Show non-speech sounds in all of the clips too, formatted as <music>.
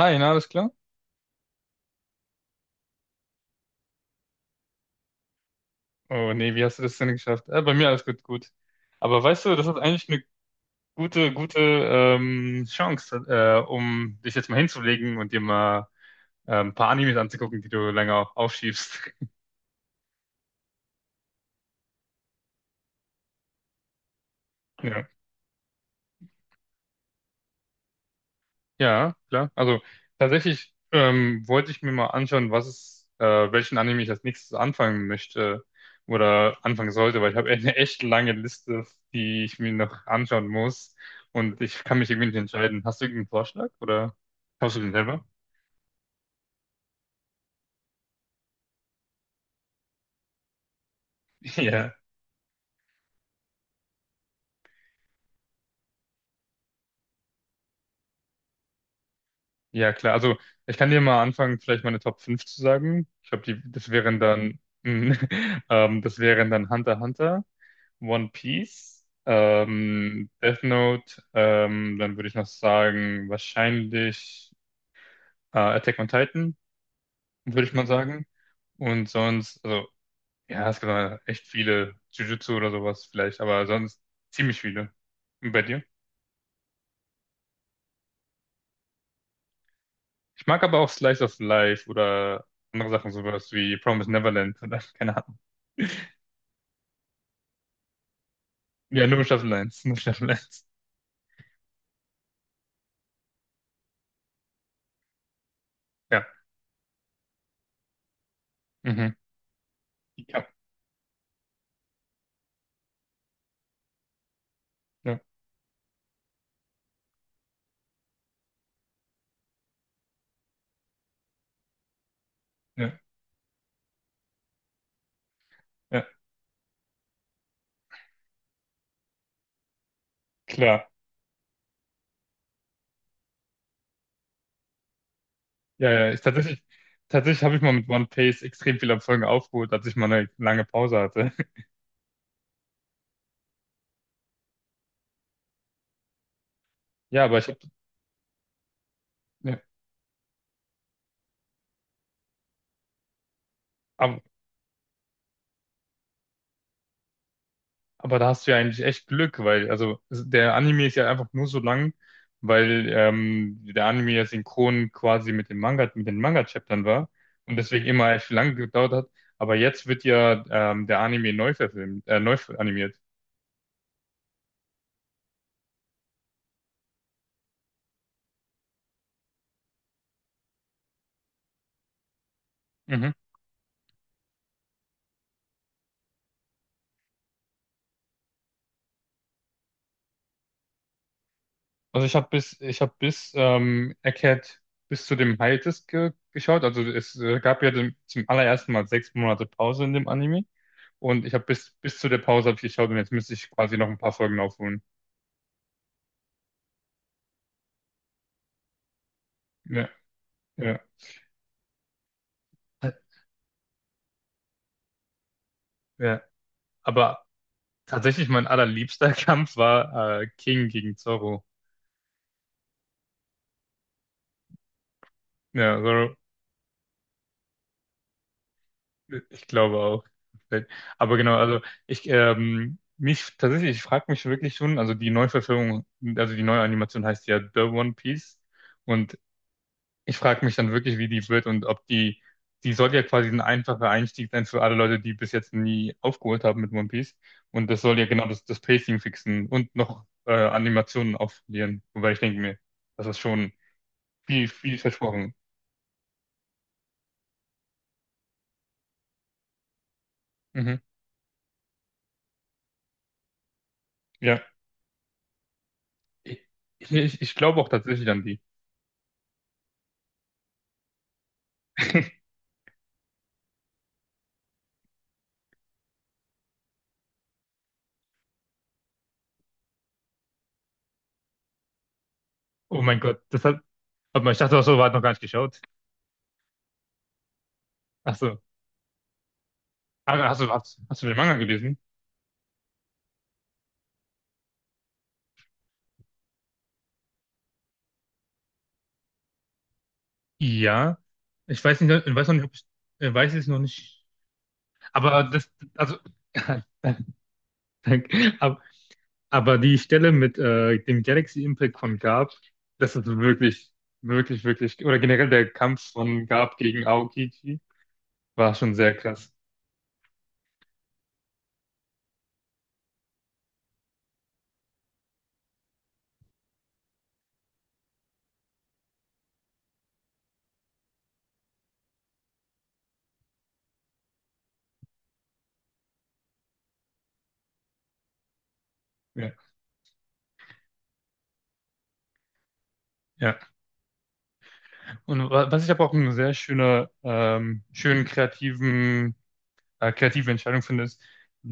Hi, na, alles klar? Oh nee, wie hast du das denn geschafft? Bei mir alles gut. Aber weißt du, das ist eigentlich eine gute Chance, um dich jetzt mal hinzulegen und dir mal ein paar Animes anzugucken, die du länger aufschiebst. <laughs> Ja, klar. Also tatsächlich wollte ich mir mal anschauen, welchen Anime ich als nächstes anfangen möchte oder anfangen sollte, weil ich habe eine echt lange Liste, die ich mir noch anschauen muss und ich kann mich irgendwie nicht entscheiden. Hast du irgendeinen Vorschlag oder schaust du den selber? <laughs> Ja. Ja, klar. Also ich kann dir mal anfangen, vielleicht meine Top 5 zu sagen. Das wären dann <laughs> das wären dann Hunter x Hunter, One Piece, Death Note, dann würde ich noch sagen, wahrscheinlich Attack on Titan, würde ich mal sagen. Und sonst, also, ja, es gibt da echt viele, Jujutsu oder sowas vielleicht, aber sonst ziemlich viele. Und bei dir? Ich mag aber auch Slice of Life oder andere Sachen, sowas wie Promised Neverland oder <laughs> keine Ahnung. Ja, nur Staffel 1, nur Staffel 1. Ja, mhm. Ja, ja, ja, ja, klar. Ja, ja, tatsächlich habe ich mal mit One Piece extrem viele Folgen aufgeholt, als ich mal eine lange Pause hatte. <laughs> Ja, aber ich habe, ja, aber, aber da hast du ja eigentlich echt Glück, weil, also, der Anime ist ja einfach nur so lang, weil der Anime ja synchron quasi mit dem Manga, mit den Manga-Chaptern war und deswegen immer echt lang gedauert hat. Aber jetzt wird ja der Anime neu verfilmt, neu animiert. Mhm. Ich habe bis Egghead bis zu dem High Disc ge geschaut. Also es gab ja den, zum allerersten Mal sechs Monate Pause in dem Anime. Und ich habe bis zu der Pause hab ich geschaut und jetzt müsste ich quasi noch ein paar Folgen aufholen. Ja, ja, ja. Aber tatsächlich mein allerliebster <laughs> Kampf war King gegen Zoro. Ja, ich glaube auch. Aber genau, also ich ich frage mich wirklich schon, also die Neuverfilmung, also die neue Animation heißt ja The One Piece und ich frage mich dann wirklich, wie die wird und ob die soll ja quasi ein einfacher Einstieg sein für alle Leute, die bis jetzt nie aufgeholt haben mit One Piece und das soll ja genau das Pacing fixen und noch Animationen aufpolieren, wobei ich denke mir, das ist schon viel versprochen. Mhm. Ja, ich, ich glaube auch tatsächlich an die. <laughs> Oh mein Gott, das hat, hat man, ich dachte auch so, war noch gar nicht geschaut. Ach so. Ah, hast du den Manga gelesen? Ja. Ich weiß nicht, ich weiß noch nicht, ob ich, weiß es noch nicht. Aber das, also, <laughs> danke. Aber die Stelle mit dem Galaxy Impact von Garp, das ist wirklich, oder generell der Kampf von Garp gegen Aokiji war schon sehr krass. Ja. Ja. Und was ich aber auch einen sehr schöner, schönen kreativen kreative Entscheidung findest,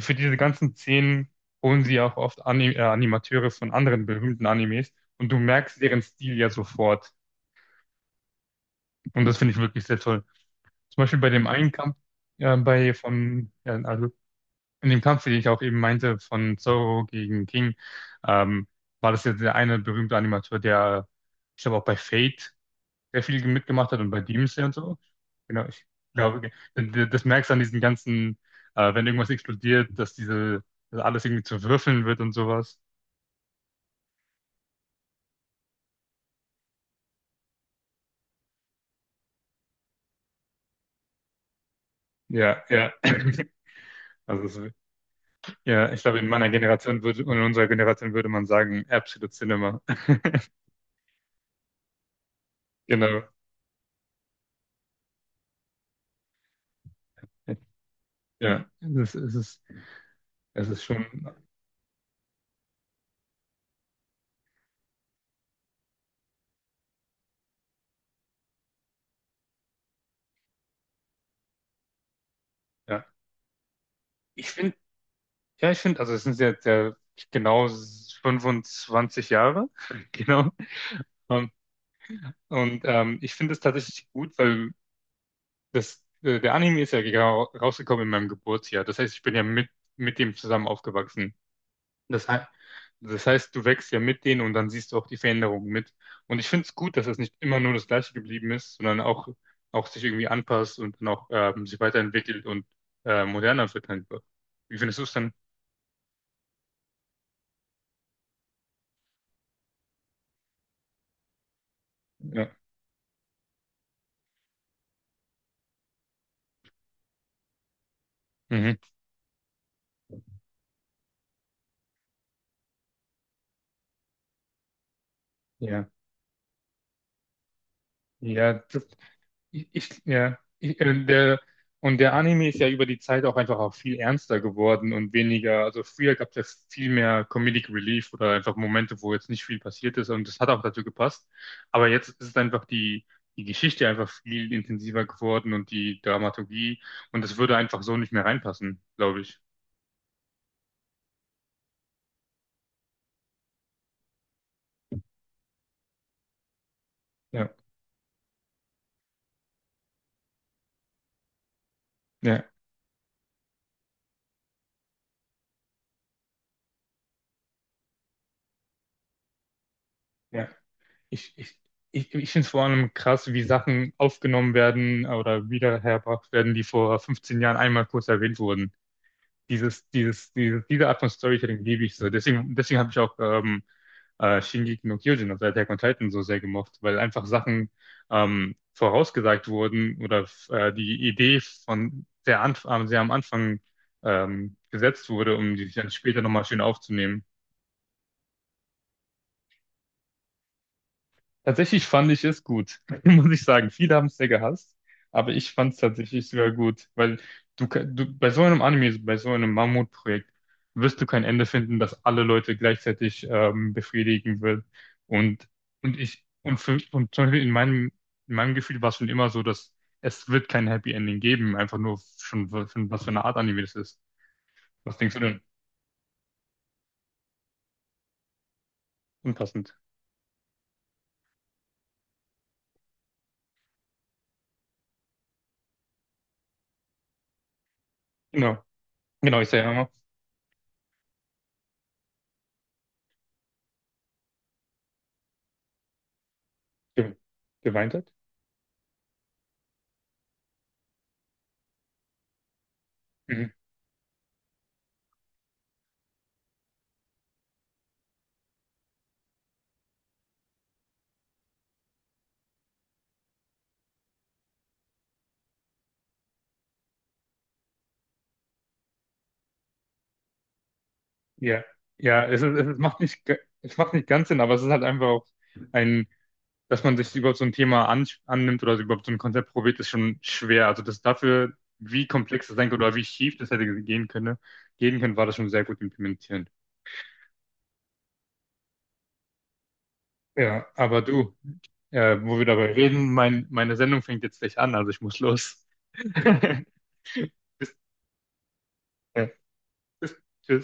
für diese ganzen Szenen holen sie auch oft Animateure von anderen berühmten Animes und du merkst deren Stil ja sofort. Und das finde ich wirklich sehr toll. Zum Beispiel bei dem einen Kampf, bei von, ja, also in dem Kampf, den ich auch eben meinte, von Zoro gegen King, ähm, war das jetzt der eine berühmte Animateur, der, ich glaube auch bei Fate sehr viel mitgemacht hat und bei Doomsday und so. Genau, ich glaube, das merkst du an diesen ganzen, wenn irgendwas explodiert, dass alles irgendwie zu Würfeln wird und sowas. Ja, ja. <laughs> Also, es- ja, ich glaube, in unserer Generation würde man sagen, Absolute Cinema. <laughs> Genau. Ja, es ist schon, ja. Ich finde, ja, ich finde, also es sind jetzt ja genau 25 Jahre, <laughs> genau. Und, und ich finde es tatsächlich gut, weil der Anime ist ja genau rausgekommen in meinem Geburtsjahr. Das heißt, ich bin ja mit dem zusammen aufgewachsen. Das, hei- Das heißt, du wächst ja mit denen und dann siehst du auch die Veränderungen mit. Und ich finde es gut, dass es nicht immer nur das Gleiche geblieben ist, sondern auch sich irgendwie anpasst und dann auch sich weiterentwickelt und moderner wird einfach. Wie findest du es dann? Ja. Mhm. Ja. Ja, das, Ich, ja, ich, der, Und der Anime ist ja über die Zeit auch einfach auch viel ernster geworden und weniger, also früher gab es ja viel mehr Comedic Relief oder einfach Momente, wo jetzt nicht viel passiert ist und das hat auch dazu gepasst. Aber jetzt ist einfach die Geschichte einfach viel intensiver geworden und die Dramaturgie und das würde einfach so nicht mehr reinpassen, glaube ich. Ja, ja, ja. Ich, ich, Ich finde es vor allem krass, wie Sachen aufgenommen werden oder wiederhergebracht werden, die vor 15 Jahren einmal kurz erwähnt wurden. Diese Art von Storytelling liebe ich so. Deswegen habe ich auch Shingeki no Kyojin, also Attack on Titan, so sehr gemocht, weil einfach Sachen vorausgesagt wurden oder die Idee von sehr am Anfang gesetzt wurde, um die sich dann später nochmal schön aufzunehmen. Tatsächlich fand ich es gut, <laughs> muss ich sagen. Viele haben es sehr gehasst, aber ich fand es tatsächlich sogar gut, weil du bei so einem Anime, bei so einem Mammutprojekt wirst du kein Ende finden, das alle Leute gleichzeitig befriedigen wird. Und, und zum Beispiel in in meinem Gefühl war es schon immer so, dass es wird kein Happy Ending geben, einfach nur schon, schon was für eine Art Anime das ist. Was denkst du denn? Unpassend. Genau, genau, ich sage ja immer, ge- geweint hat. Mhm. Ja, ja, es, ist- es macht nicht, ge- es macht nicht ganz Sinn, aber es ist halt einfach auch ein, dass man sich überhaupt so ein Thema annimmt oder überhaupt so ein Konzept probiert, ist schon schwer. Also das dafür, wie komplex das sein könnte oder wie schief das hätte gehen können, war das schon sehr gut implementiert. Ja, aber du, wo wir dabei reden, meine Sendung fängt jetzt gleich an, also ich muss los. <laughs> Bis, äh, bis, tschüss.